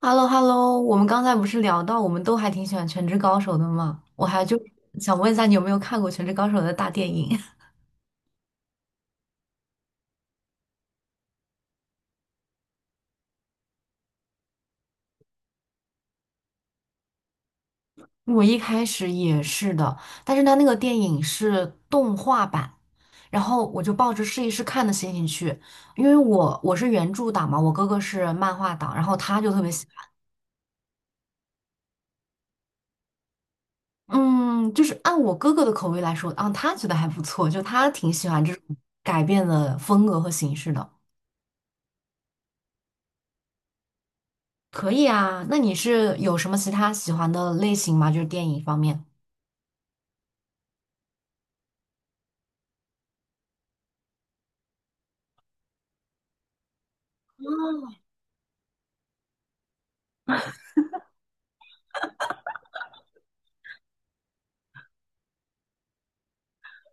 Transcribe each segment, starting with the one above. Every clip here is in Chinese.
h e l l o h e l l o 我们刚才不是聊到我们都还挺喜欢《全职高手》的嘛？我还就想问一下，你有没有看过《全职高手》的大电影？我一开始也是的，但是它那个电影是动画版，然后我就抱着试一试看的心情去，因为我是原著党嘛，我哥哥是漫画党，然后他就特别喜欢，嗯，就是按我哥哥的口味来说，啊，他觉得还不错，就他挺喜欢这种改变的风格和形式的。可以啊，那你是有什么其他喜欢的类型吗？就是电影方面。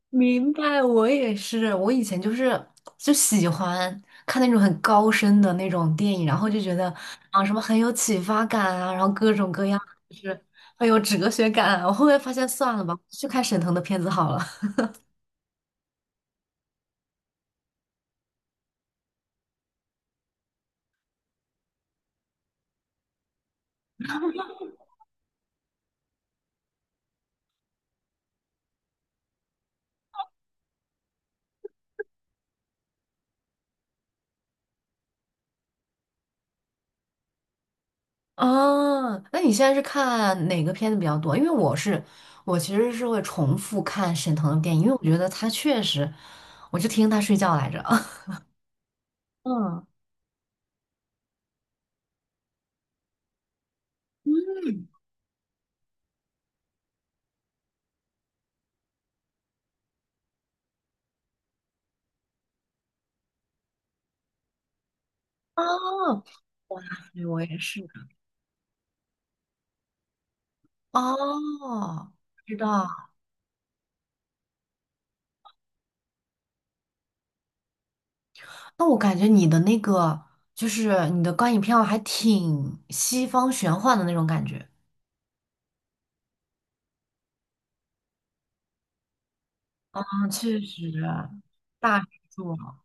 明白，我也是。我以前就喜欢看那种很高深的那种电影，然后就觉得啊，什么很有启发感啊，然后各种各样，就是很有哲学感啊，我后面发现算了吧，去看沈腾的片子好了。啊，那你现在是看哪个片子比较多？因为我是，我其实是会重复看沈腾的电影，因为我觉得他确实，我就听他睡觉来着。嗯。哦，对，我也是。哦，知道。那我感觉你的那个，就是你的观影票还挺西方玄幻的那种感觉。嗯，确实，大制作。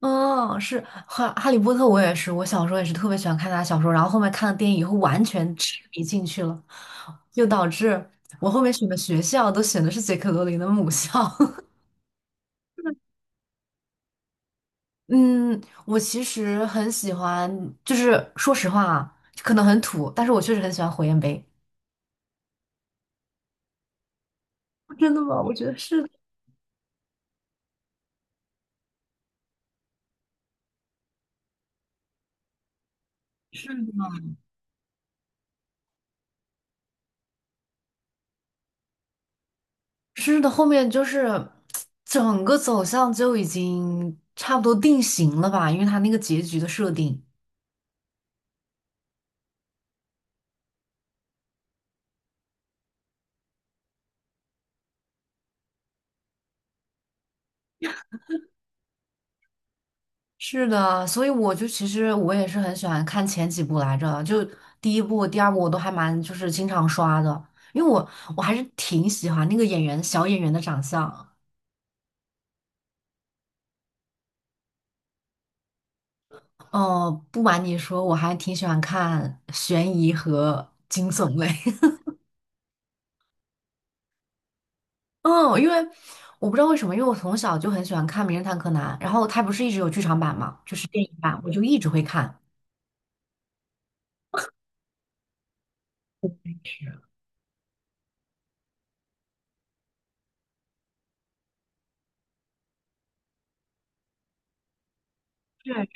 嗯，是哈。《哈利波特》，我也是，我小时候也是特别喜欢看他的小说，然后后面看了电影以后，完全痴迷进去了，就导致我后面选的学校都选的是杰克罗琳的母校。嗯，我其实很喜欢，就是说实话啊，可能很土，但是我确实很喜欢火焰杯。真的吗？我觉得是的。是的，是的，后面就是整个走向就已经差不多定型了吧，因为它那个结局的设定。是的，所以我就其实我也是很喜欢看前几部来着，就第一部、第二部我都还蛮就是经常刷的，因为我还是挺喜欢那个演员小演员的长相。哦，不瞒你说，我还挺喜欢看悬疑和惊悚类。嗯，因为我不知道为什么，因为我从小就很喜欢看《名侦探柯南》，然后它不是一直有剧场版嘛，就是电影版，我就一直会看。对，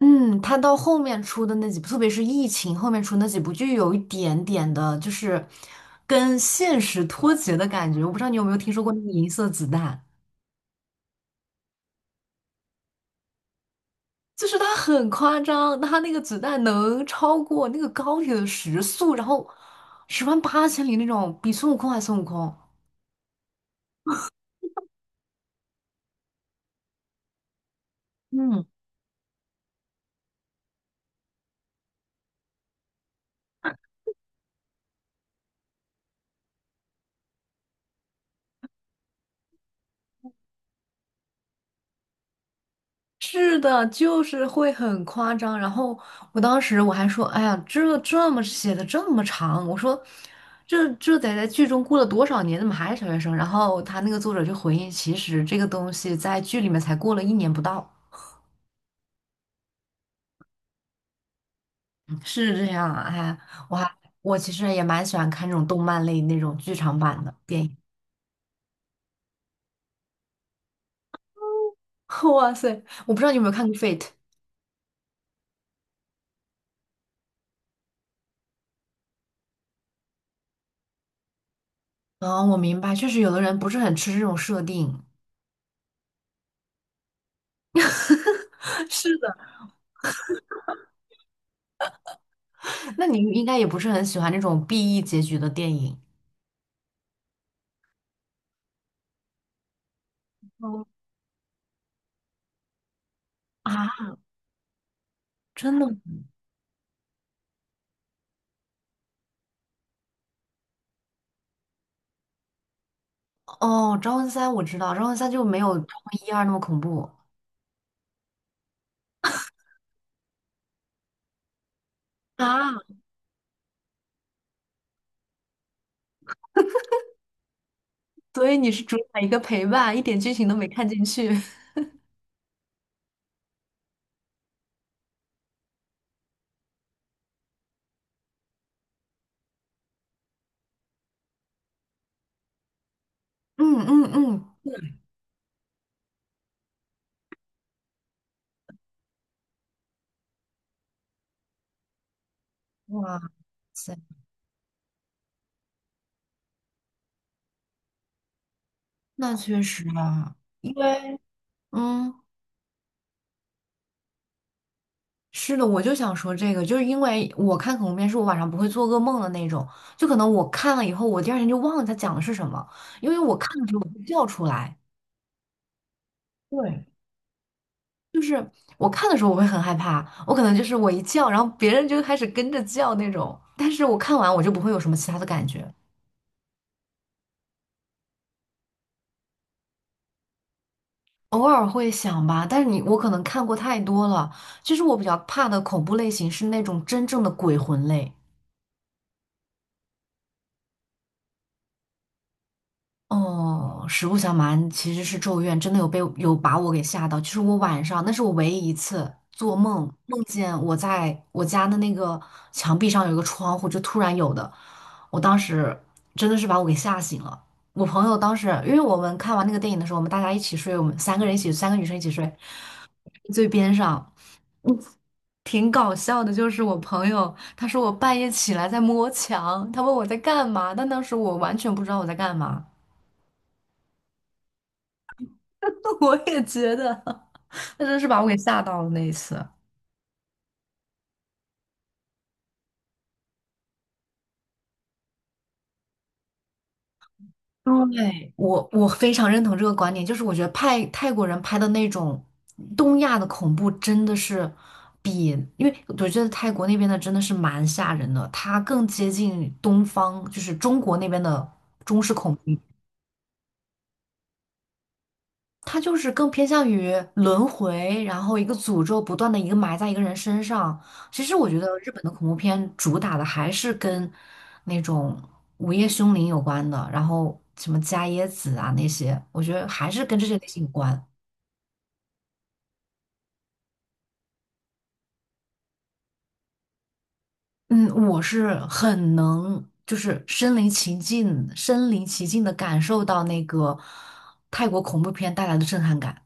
嗯，它到后面出的那几部，特别是疫情后面出那几部，就有一点点的，就是跟现实脱节的感觉。我不知道你有没有听说过那个《银色子弹》。就是它很夸张，它那个子弹能超过那个高铁的时速，然后十万八千里那种，比孙悟空还孙悟空。嗯，是的，就是会很夸张。然后我当时我还说，哎呀，这这么写的这么长，我说这这得在剧中过了多少年，怎么还是小学生？然后他那个作者就回应，其实这个东西在剧里面才过了一年不到。嗯是这样啊，哎，我还，我其实也蛮喜欢看这种动漫类那种剧场版的电影。哇塞，我不知道你有没有看过《Fate》。啊，我明白，确实有的人不是很吃这种设定。是的，那你应该也不是很喜欢那种 BE 结局的电影 哦，啊？真的吗？哦，《招魂三》我知道，《招魂三》就没有《招魂一二》那么恐怖。啊，所以你是主打一个陪伴，一点剧情都没看进去。嗯嗯嗯，哇塞，那确实啊，因为嗯。是的，我就想说这个，就是因为我看恐怖片是我晚上不会做噩梦的那种，就可能我看了以后，我第二天就忘了它讲的是什么，因为我看的时候我会叫出来，对，就是我看的时候我会很害怕，我可能就是我一叫，然后别人就开始跟着叫那种，但是我看完我就不会有什么其他的感觉，偶尔会想吧，但是你我可能看过太多了，其实我比较怕的恐怖类型是那种真正的鬼魂类。哦，实不相瞒，其实是《咒怨》真的有被有把我给吓到。就是我晚上，那是我唯一一次做梦，梦见我在我家的那个墙壁上有一个窗户，就突然有的。我当时真的是把我给吓醒了。我朋友当时，因为我们看完那个电影的时候，我们大家一起睡，我们三个人一起，三个女生一起睡，最边上。挺搞笑的，就是我朋友，他说我半夜起来在摸墙，他问我在干嘛，但当时我完全不知道我在干嘛。我也觉得，那真是把我给吓到了那一次。对，我非常认同这个观点，就是我觉得派泰国人拍的那种东亚的恐怖真的是比，因为我觉得泰国那边的真的是蛮吓人的，它更接近东方，就是中国那边的中式恐怖。它就是更偏向于轮回，然后一个诅咒不断的一个埋在一个人身上。其实我觉得日本的恐怖片主打的还是跟那种午夜凶铃有关的，然后什么伽椰子啊那些，我觉得还是跟这些类型有关。嗯，我是很能就是身临其境的感受到那个泰国恐怖片带来的震撼感。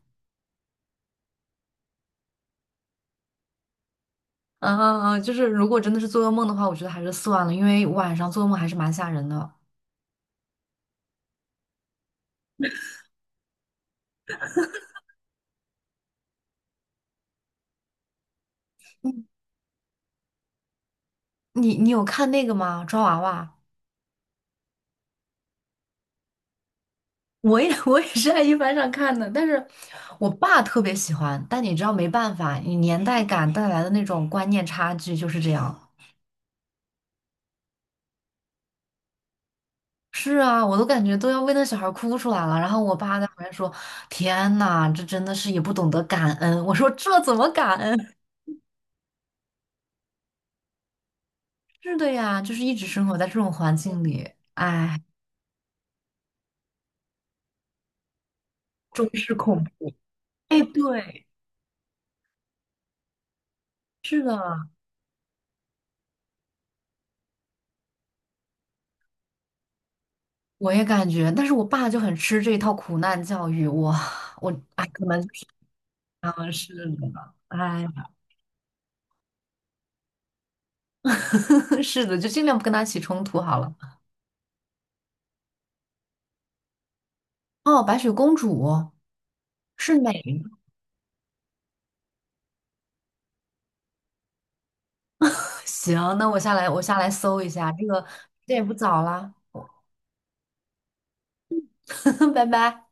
嗯嗯嗯，就是如果真的是做噩梦的话，我觉得还是算了，因为晚上做噩梦还是蛮吓人的。你你有看那个吗？抓娃娃，我也 我也是在一帆上看的，但是我爸特别喜欢，但你知道没办法，你年代感带来的那种观念差距就是这样。是啊，我都感觉都要为那小孩哭出来了，然后我爸在旁边说：“天呐，这真的是也不懂得感恩。”我说：“这怎么感恩？”是的呀，就是一直生活在这种环境里，哎，中式恐怖。哎，对，是的。我也感觉，但是我爸就很吃这一套苦难教育，我哎，可能就是啊，是的，哎呀，是的，就尽量不跟他起冲突好了。哦，白雪公主是美。行，那我下来搜一下，这个这也不早啦，拜拜。